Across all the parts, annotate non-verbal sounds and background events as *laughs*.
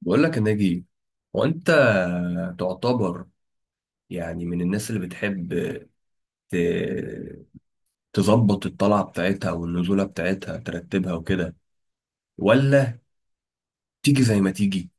بقول لك يا ناجي، هو انت تعتبر يعني من الناس اللي بتحب ت- تظبط الطلعه بتاعتها والنزوله بتاعتها، ترتبها وكده؟ ولا تيجي زي ما تيجي؟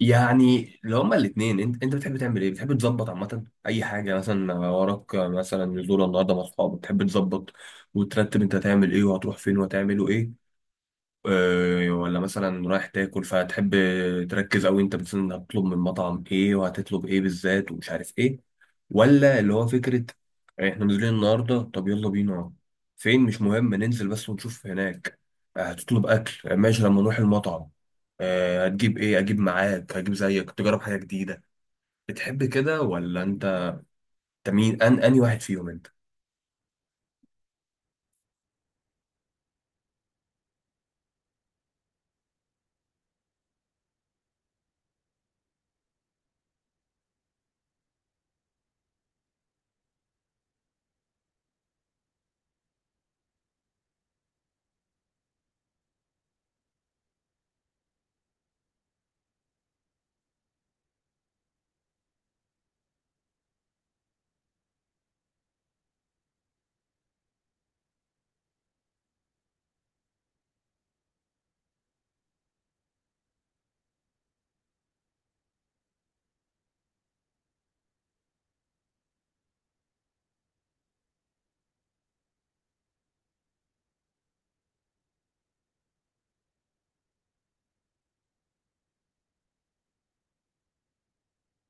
يعني لو هما الاثنين، انت بتحب تعمل ايه؟ بتحب تظبط عامه اي حاجه؟ مثلا وراك مثلا نزوله النهارده مع اصحابك، بتحب تظبط وترتب انت هتعمل ايه وهتروح فين وهتعملوا ايه؟ ولا مثلا رايح تاكل فتحب تركز اوي انت مثلا هتطلب من مطعم ايه وهتطلب ايه بالذات ومش عارف ايه؟ ولا اللي هو فكرة احنا نازلين النهاردة، طب يلا بينا؟ فين مش مهم، ننزل بس ونشوف هناك، هتطلب أكل، ماشي، لما نروح المطعم هتجيب ايه؟ اجيب معاك؟ هجيب زيك، تجرب حاجة جديده. بتحب كده ولا انت؟ أنت مين؟ ان اني واحد فيهم انت؟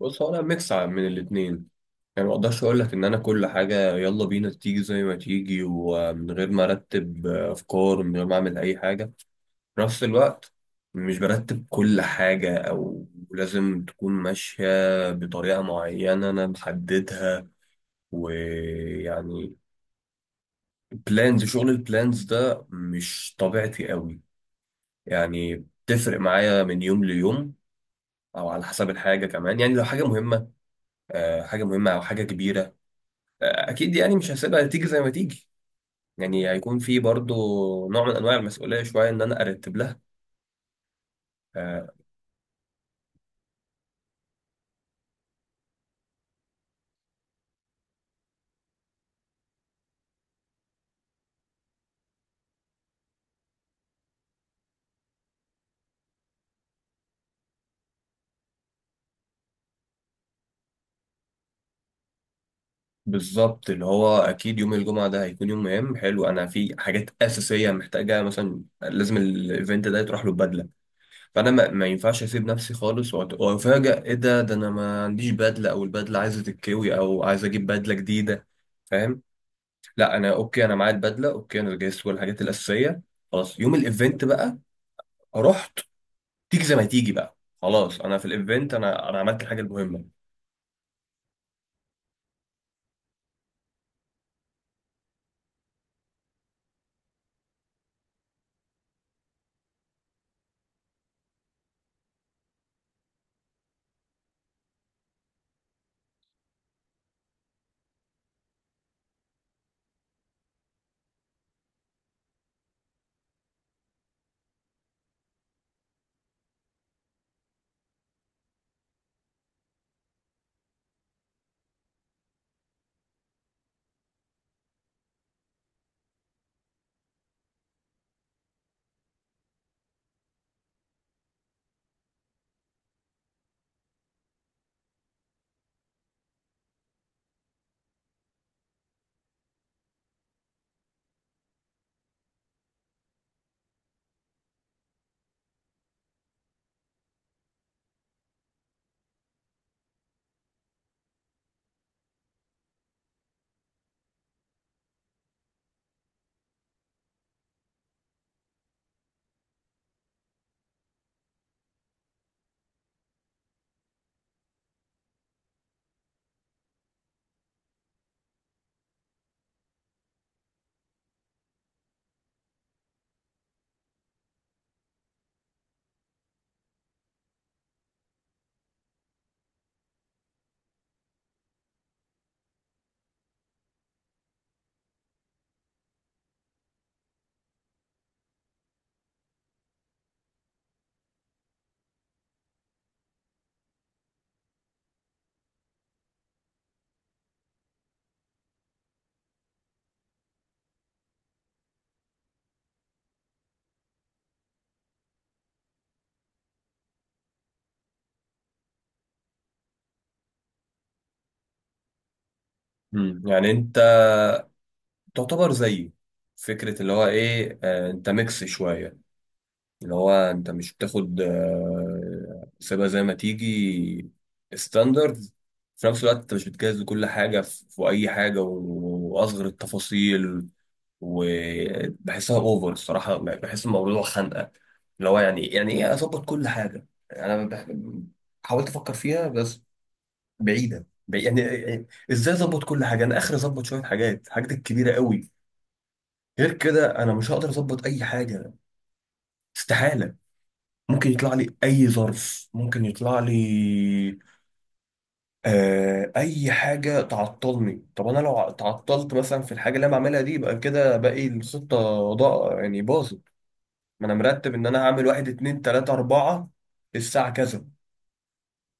بص، هو انا ميكس من الاتنين. يعني ما اقدرش اقول لك ان انا كل حاجة يلا بينا تيجي زي ما تيجي ومن غير ما ارتب افكار، من غير ما اعمل اي حاجة. في نفس الوقت مش برتب كل حاجة أو لازم تكون ماشية بطريقة معينة أنا محددها. ويعني بلانز، شغل البلانز ده مش طبيعتي قوي. يعني بتفرق معايا من يوم ليوم، أو على حسب الحاجة كمان. يعني لو حاجة مهمة، حاجة مهمة أو حاجة كبيرة، أكيد يعني مش هسيبها تيجي زي ما تيجي. يعني هيكون في برضو نوع من أنواع المسؤولية شوية إن أنا أرتب لها. آه، بالظبط، اللي هو اكيد يوم الجمعه ده هيكون يوم مهم حلو، انا في حاجات اساسيه محتاجه، مثلا لازم الايفنت ده يتروح له بدله. فانا ما ينفعش اسيب نفسي خالص وافاجئ ايه؟ ده انا ما عنديش بدله، او البدله عايزه تتكوي، او عايز اجيب بدله جديده. فاهم؟ لا انا اوكي، انا معايا البدله، اوكي انا جهزت كل الحاجات الاساسيه. خلاص يوم الايفنت بقى رحت، تيجي زي ما تيجي بقى. خلاص، انا في الايفنت، انا عملت الحاجه المهمه. يعني تعتبر زيه فكرة اللي هو إيه، آه أنت ميكس شوية. اللي هو أنت مش بتاخد آه سيبها زي ما تيجي ستاندرد، في نفس الوقت أنت مش بتجهز لكل حاجة في أي حاجة وأصغر التفاصيل. وبحسها أوفر الصراحة، بحس الموضوع خنقة، اللي هو يعني يعني إيه أظبط كل حاجة؟ أنا بح- حاولت أفكر فيها بس يعني يعني إزاي أظبط كل حاجة؟ أنا آخر أظبط شوية حاجات، الحاجات الكبيرة قوي. غير كده انا مش هقدر اظبط اي حاجه، استحاله. ممكن يطلع لي اي ظرف، ممكن يطلع لي آه اي حاجه تعطلني. طب انا لو تعطلت مثلا في الحاجه اللي انا بعملها دي، يبقى كده باقي الخطه ضاع، يعني باظت. ما انا مرتب ان انا هعمل واحد اتنين تلاته اربعه الساعه كذا.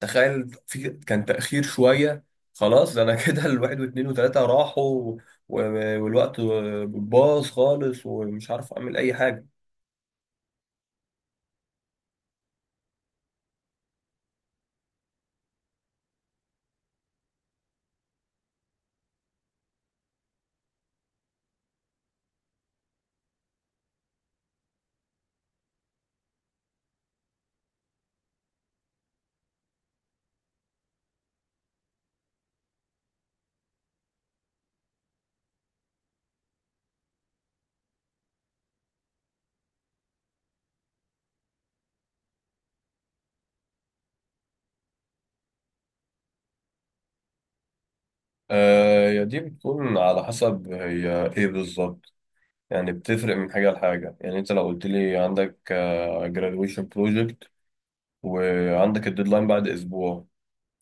تخيل في كان تاخير شويه، خلاص ده انا *laughs* كده الواحد واتنين وتلاته راحوا، و- والوقت باظ خالص ومش عارف اعمل اي حاجه. آه يا دي بتكون على حسب هي ايه بالظبط. يعني بتفرق من حاجة لحاجة. يعني انت لو قلت لي عندك آه graduation project وعندك الديدلاين بعد اسبوع،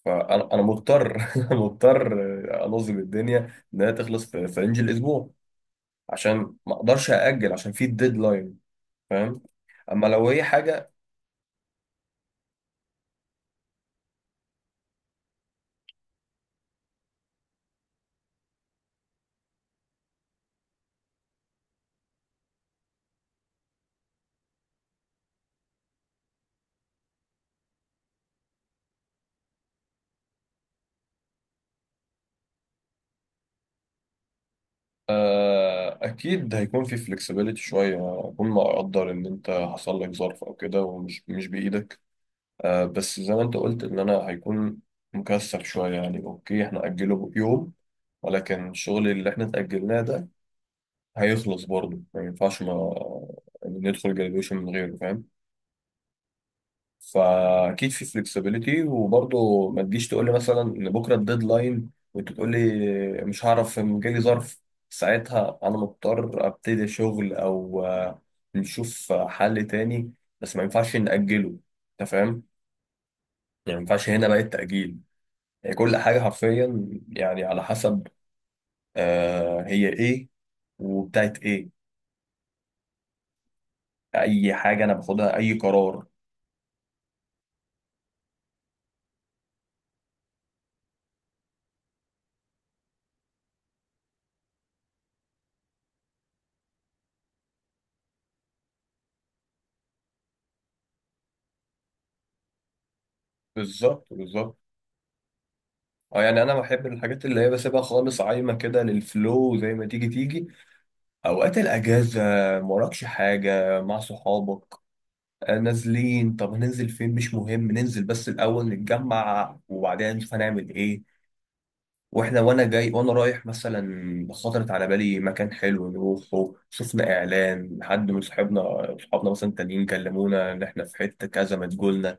فانا مضطر *laughs* مضطر انظم الدنيا انها تخلص في رينج الاسبوع، عشان ما اقدرش ااجل عشان في الديدلاين. فاهم؟ اما لو هي حاجة آه اكيد هيكون في flexibility شوية، اكون مقدر ان انت حصل لك ظرف او كده ومش مش بايدك، بس زي ما انت قلت ان انا هيكون مكسل شوية، يعني اوكي احنا اجله يوم، ولكن الشغل اللي احنا اتأجلناه ده هيخلص برضه، ما ينفعش ما ندخل جراديويشن من غيره. فاهم؟ فاكيد في فلكسبيليتي، وبرضه ما تجيش تقول لي مثلا ان بكره الديدلاين وانت تقول لي مش هعرف جالي ظرف. ساعتها انا مضطر ابتدي شغل او نشوف حل تاني، بس ما ينفعش نأجله. انت فاهم؟ يعني ما ينفعش هنا بقى التأجيل. هي كل حاجة حرفيا يعني على حسب آه هي ايه وبتاعت ايه اي حاجة انا باخدها اي قرار. بالظبط بالظبط. اه يعني انا بحب الحاجات اللي هي بسيبها خالص عايمة كده للفلو، زي ما تيجي تيجي. اوقات الاجازة، موراكش حاجة مع صحابك، آه نازلين، طب هننزل فين؟ مش مهم ننزل، بس الاول نتجمع وبعدين نشوف هنعمل ايه. واحنا وانا جاي وانا رايح مثلا خطرت على بالي مكان حلو نروحه، شفنا اعلان، حد من صحابنا، صحابنا مثلا تانيين كلمونا ان احنا في حته كذا ما تقولنا،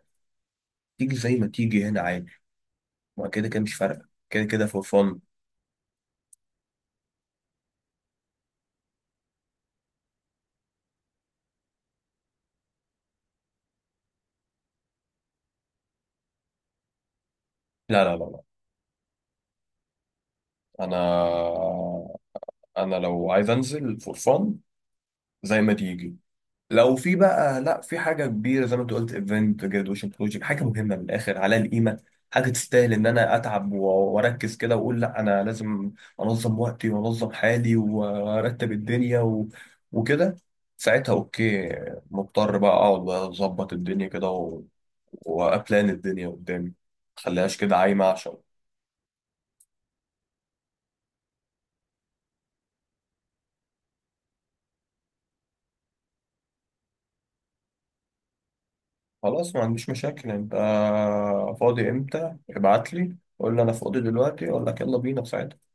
تيجي زي ما تيجي هنا عادي. ما كده كده مش فارقه، كده كده فور فن. لا، انا انا لو عايز انزل فور فن زي ما تيجي. لو في بقى لا في حاجه كبيره زي ما انت قلت، ايفنت، جرادويشن بروجكت، حاجه مهمه من الاخر عليها القيمه، حاجه تستاهل ان انا اتعب واركز كده واقول لا انا لازم انظم وقتي وانظم حالي وارتب الدنيا و... وكده، ساعتها اوكي، مضطر بقى اقعد بقى اظبط الدنيا كده و... وابلان الدنيا قدامي، ما خليهاش كده عايمه. عشان خلاص، ما عنديش مشاكل. انت فاضي امتى؟ ابعت لي قول لي انا فاضي دلوقتي، اقول لك يلا بينا في ساعتها.